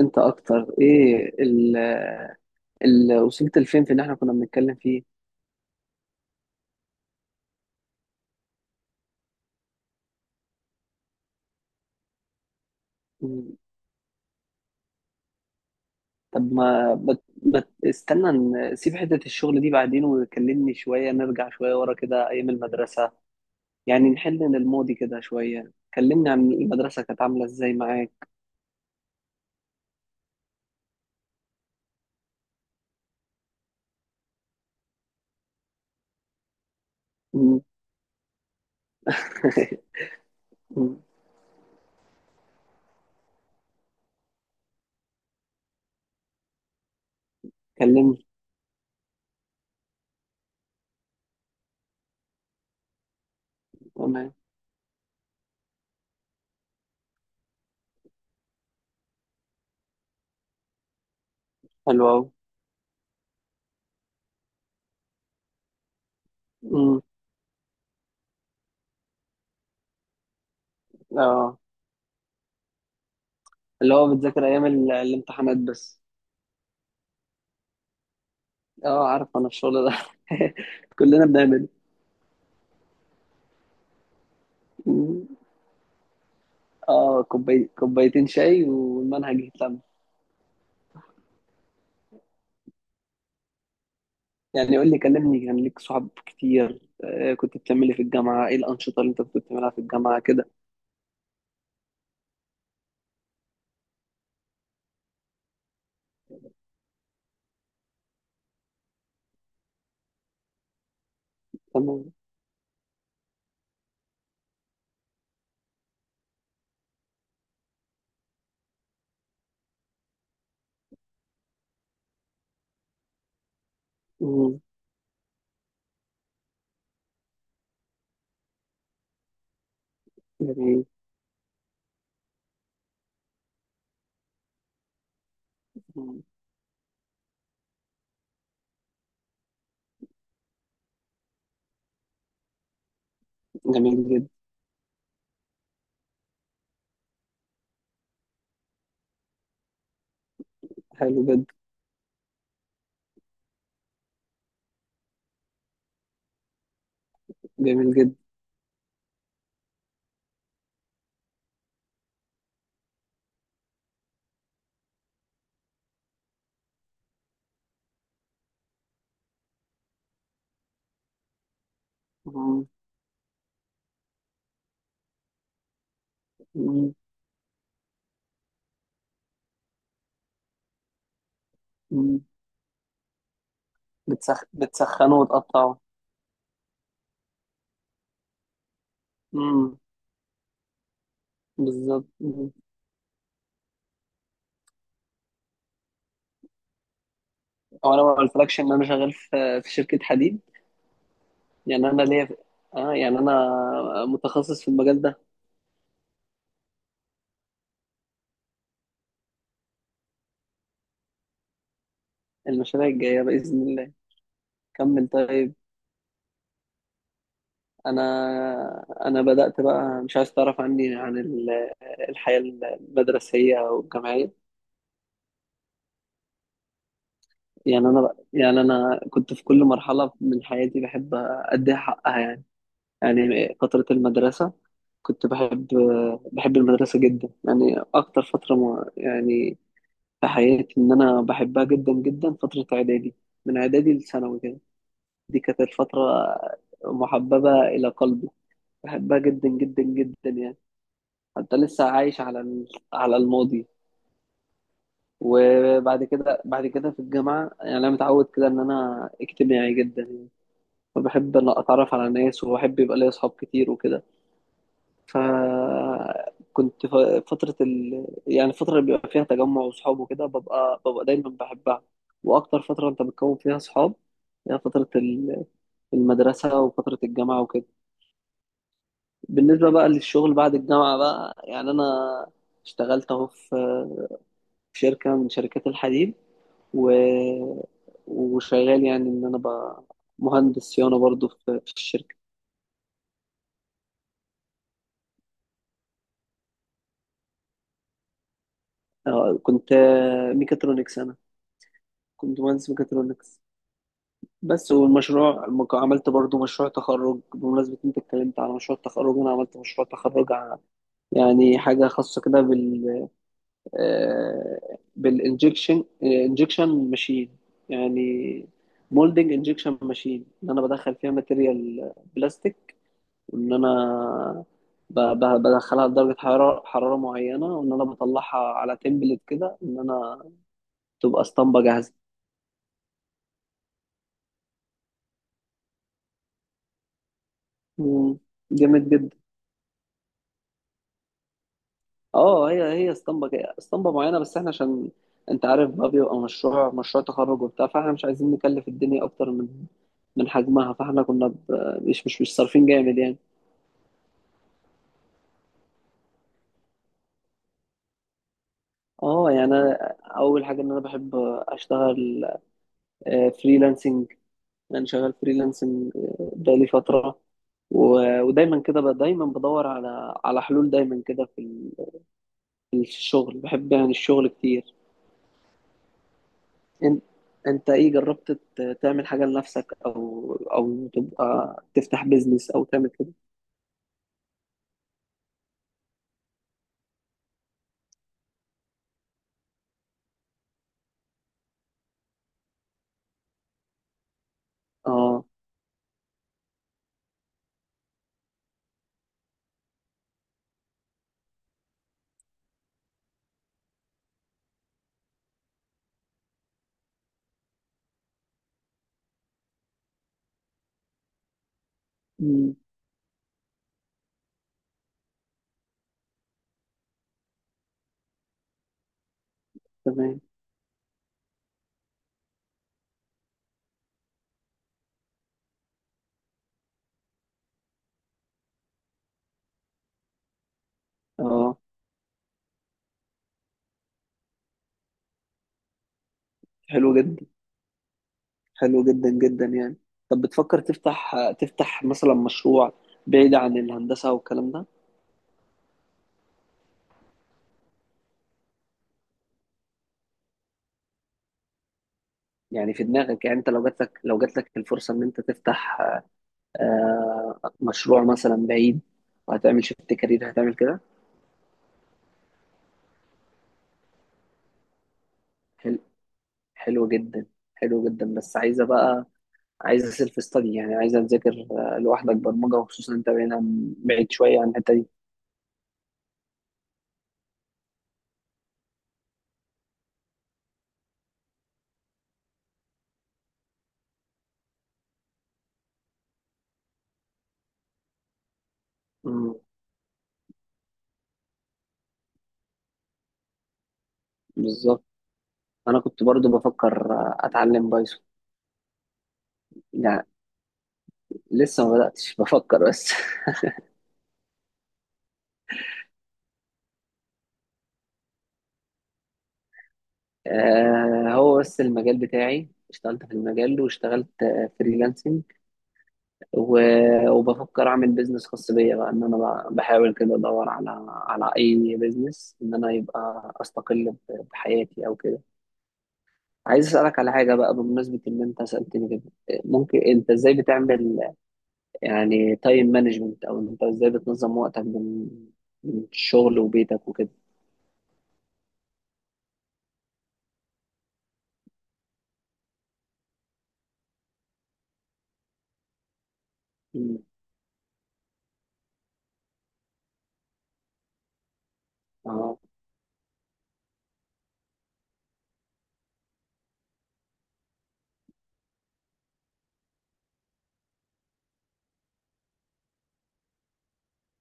انت اكتر ايه ال وصلت لفين في ان احنا كنا بنتكلم فيه. مم. طب ما بت استنى، نسيب حتة الشغل دي بعدين وكلمني شوية، نرجع شوية ورا كده ايام المدرسة، يعني نحل من الماضي كده شوية، كلمني عن المدرسة كانت عاملة ازاي معاك. مم. مم. كلمني. تمام، حلو اوي. مم. اه، اللي هو بتذاكر ايام الامتحانات بس. اه عارف انا الشغل ده. كلنا بنعمل. اه كوبايتين شاي والمنهج يتلم. يعني قول لي، كلمني، كان ليك صحاب كتير؟ آه، كنت بتعملي في الجامعة ايه؟ الأنشطة اللي انت كنت بتعملها في الجامعة كده. تمام. مم. جميل. مم. جميل جدا. حلو جدا. جميل جدا. مم. مم. مم. بتسخنوا وتقطعوا؟ مم. بالظبط. مم. هو انا ما قلتلكش ان انا شغال في شركة حديد، يعني انا ليا، اه يعني انا متخصص في المجال ده. المشاريع الجاية بإذن الله. كمل طيب، انا بدات بقى، مش عايز تعرف عني عن الحياه المدرسيه والجامعيه؟ يعني انا بقى، يعني انا كنت في كل مرحله من حياتي بحب اديها حقها، يعني يعني فتره المدرسه كنت بحب، بحب المدرسه جدا يعني، اكتر فتره يعني في حياتي ان انا بحبها جدا جدا فتره اعدادي، من اعدادي لثانوي كده، دي كانت الفتره محببه الى قلبي، بحبها جدا جدا جدا يعني. انت لسه عايش على على الماضي. وبعد كده، بعد كده في الجامعه، يعني انا متعود كده ان انا اجتماعي جدا، وبحب ان اتعرف على ناس، وبحب يبقى لي اصحاب كتير وكده. ف كنت فتره يعني الفتره اللي بيبقى فيها تجمع وصحاب وكده ببقى، ببقى دايما بحبها. واكتر فتره انت بتكون فيها صحاب هي فتره المدرسه وفتره الجامعه وكده. بالنسبه بقى للشغل بعد الجامعه بقى، يعني انا اشتغلت اهو في في شركه من شركات الحديد، و... وشغال، يعني ان انا مهندس صيانه برضو في الشركه. كنت ميكاترونكس انا، كنت مهندس ميكاترونكس بس. والمشروع عملت برضو مشروع تخرج، بمناسبة انت اتكلمت على مشروع التخرج، انا عملت مشروع تخرج يعني حاجة خاصة كده بال بالانجكشن، انجكشن ماشين يعني. مولدنج انجكشن ماشين ان انا بدخل فيها ماتيريال بلاستيك، وان انا بدخلها لدرجه حراره، حراره معينه، وان انا بطلعها على تمبلت كده، ان انا تبقى اسطمبه جاهزه. مم. جامد جدا. اه، هي اسطمبه اسطمبه معينه، بس احنا عشان انت عارف بقى، بيبقى مشروع تخرج وبتاع، فاحنا مش عايزين نكلف الدنيا اكتر من من حجمها، فاحنا كنا مش صارفين جامد يعني. اه، يعني أنا اول حاجه ان انا بحب اشتغل فريلانسنج، انا شغال فريلانسنج بقالي فتره، ودايما كده دايما بدور على حلول دايما كده في في الشغل، بحب يعني الشغل كتير. انت، انت ايه؟ جربت تعمل حاجه لنفسك او او تبقى تفتح بيزنس او تعمل كده؟ اه. مم. تمام. اه. حلو جدا. حلو جدا جدا يعني. طب بتفكر تفتح، تفتح مثلا مشروع بعيد عن الهندسه والكلام ده؟ يعني في دماغك؟ يعني انت لو جات لك، لو جات لك الفرصه ان انت تفتح مشروع مثلا بعيد، وهتعمل شيفت كارير، هتعمل كده؟ حلو، حلو جدا، حلو جدا، بس عايزه بقى، عايزه سيلف ستادي، يعني عايزه تذاكر لوحدك برمجه، وخصوصا انت هنا بعيد شويه عن الحته دي. مم، بالظبط، انا كنت برضو بفكر اتعلم بايثون يعني، لسه ما بداتش، بفكر بس. هو بس المجال بتاعي، اشتغلت في المجال واشتغلت فريلانسنج، وبفكر اعمل بيزنس خاص بيا بقى، ان انا بحاول كده ادور على اي بيزنس ان انا يبقى استقل بحياتي او كده. عايز اسالك على حاجه بقى، بمناسبه ان انت سالتني كده، ممكن انت ازاي بتعمل، يعني تايم مانجمنت، او انت ازاي بتنظم وقتك بين، بين الشغل وبيتك وكده؟ مم. اه.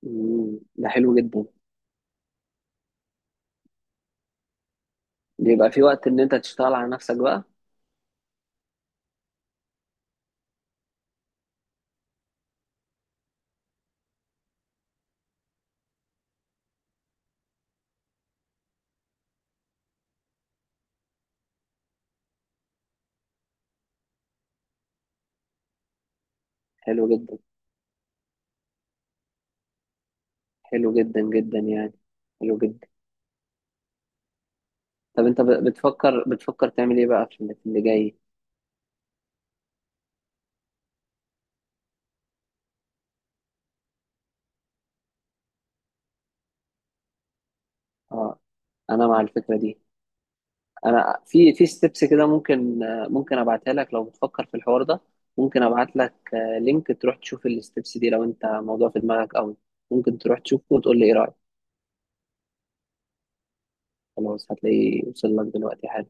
مم. ده حلو جدا. بيبقى في وقت ان انت تشتغل على نفسك بقى؟ حلو جدا. حلو جدا جدا يعني. حلو جدا. طب انت بتفكر تعمل ايه بقى في اللي، في اللي جاي؟ اه، انا مع الفكره دي. انا في في ستيبس كده، ممكن ممكن ابعتها لك، لو بتفكر في الحوار ده ممكن ابعت لك لينك تروح تشوف الستيبس دي، لو انت موضوع في دماغك قوي ممكن تروح تشوفه وتقول لي ايه رايك. خلاص، هتلاقيه وصل لك دلوقتي حالا.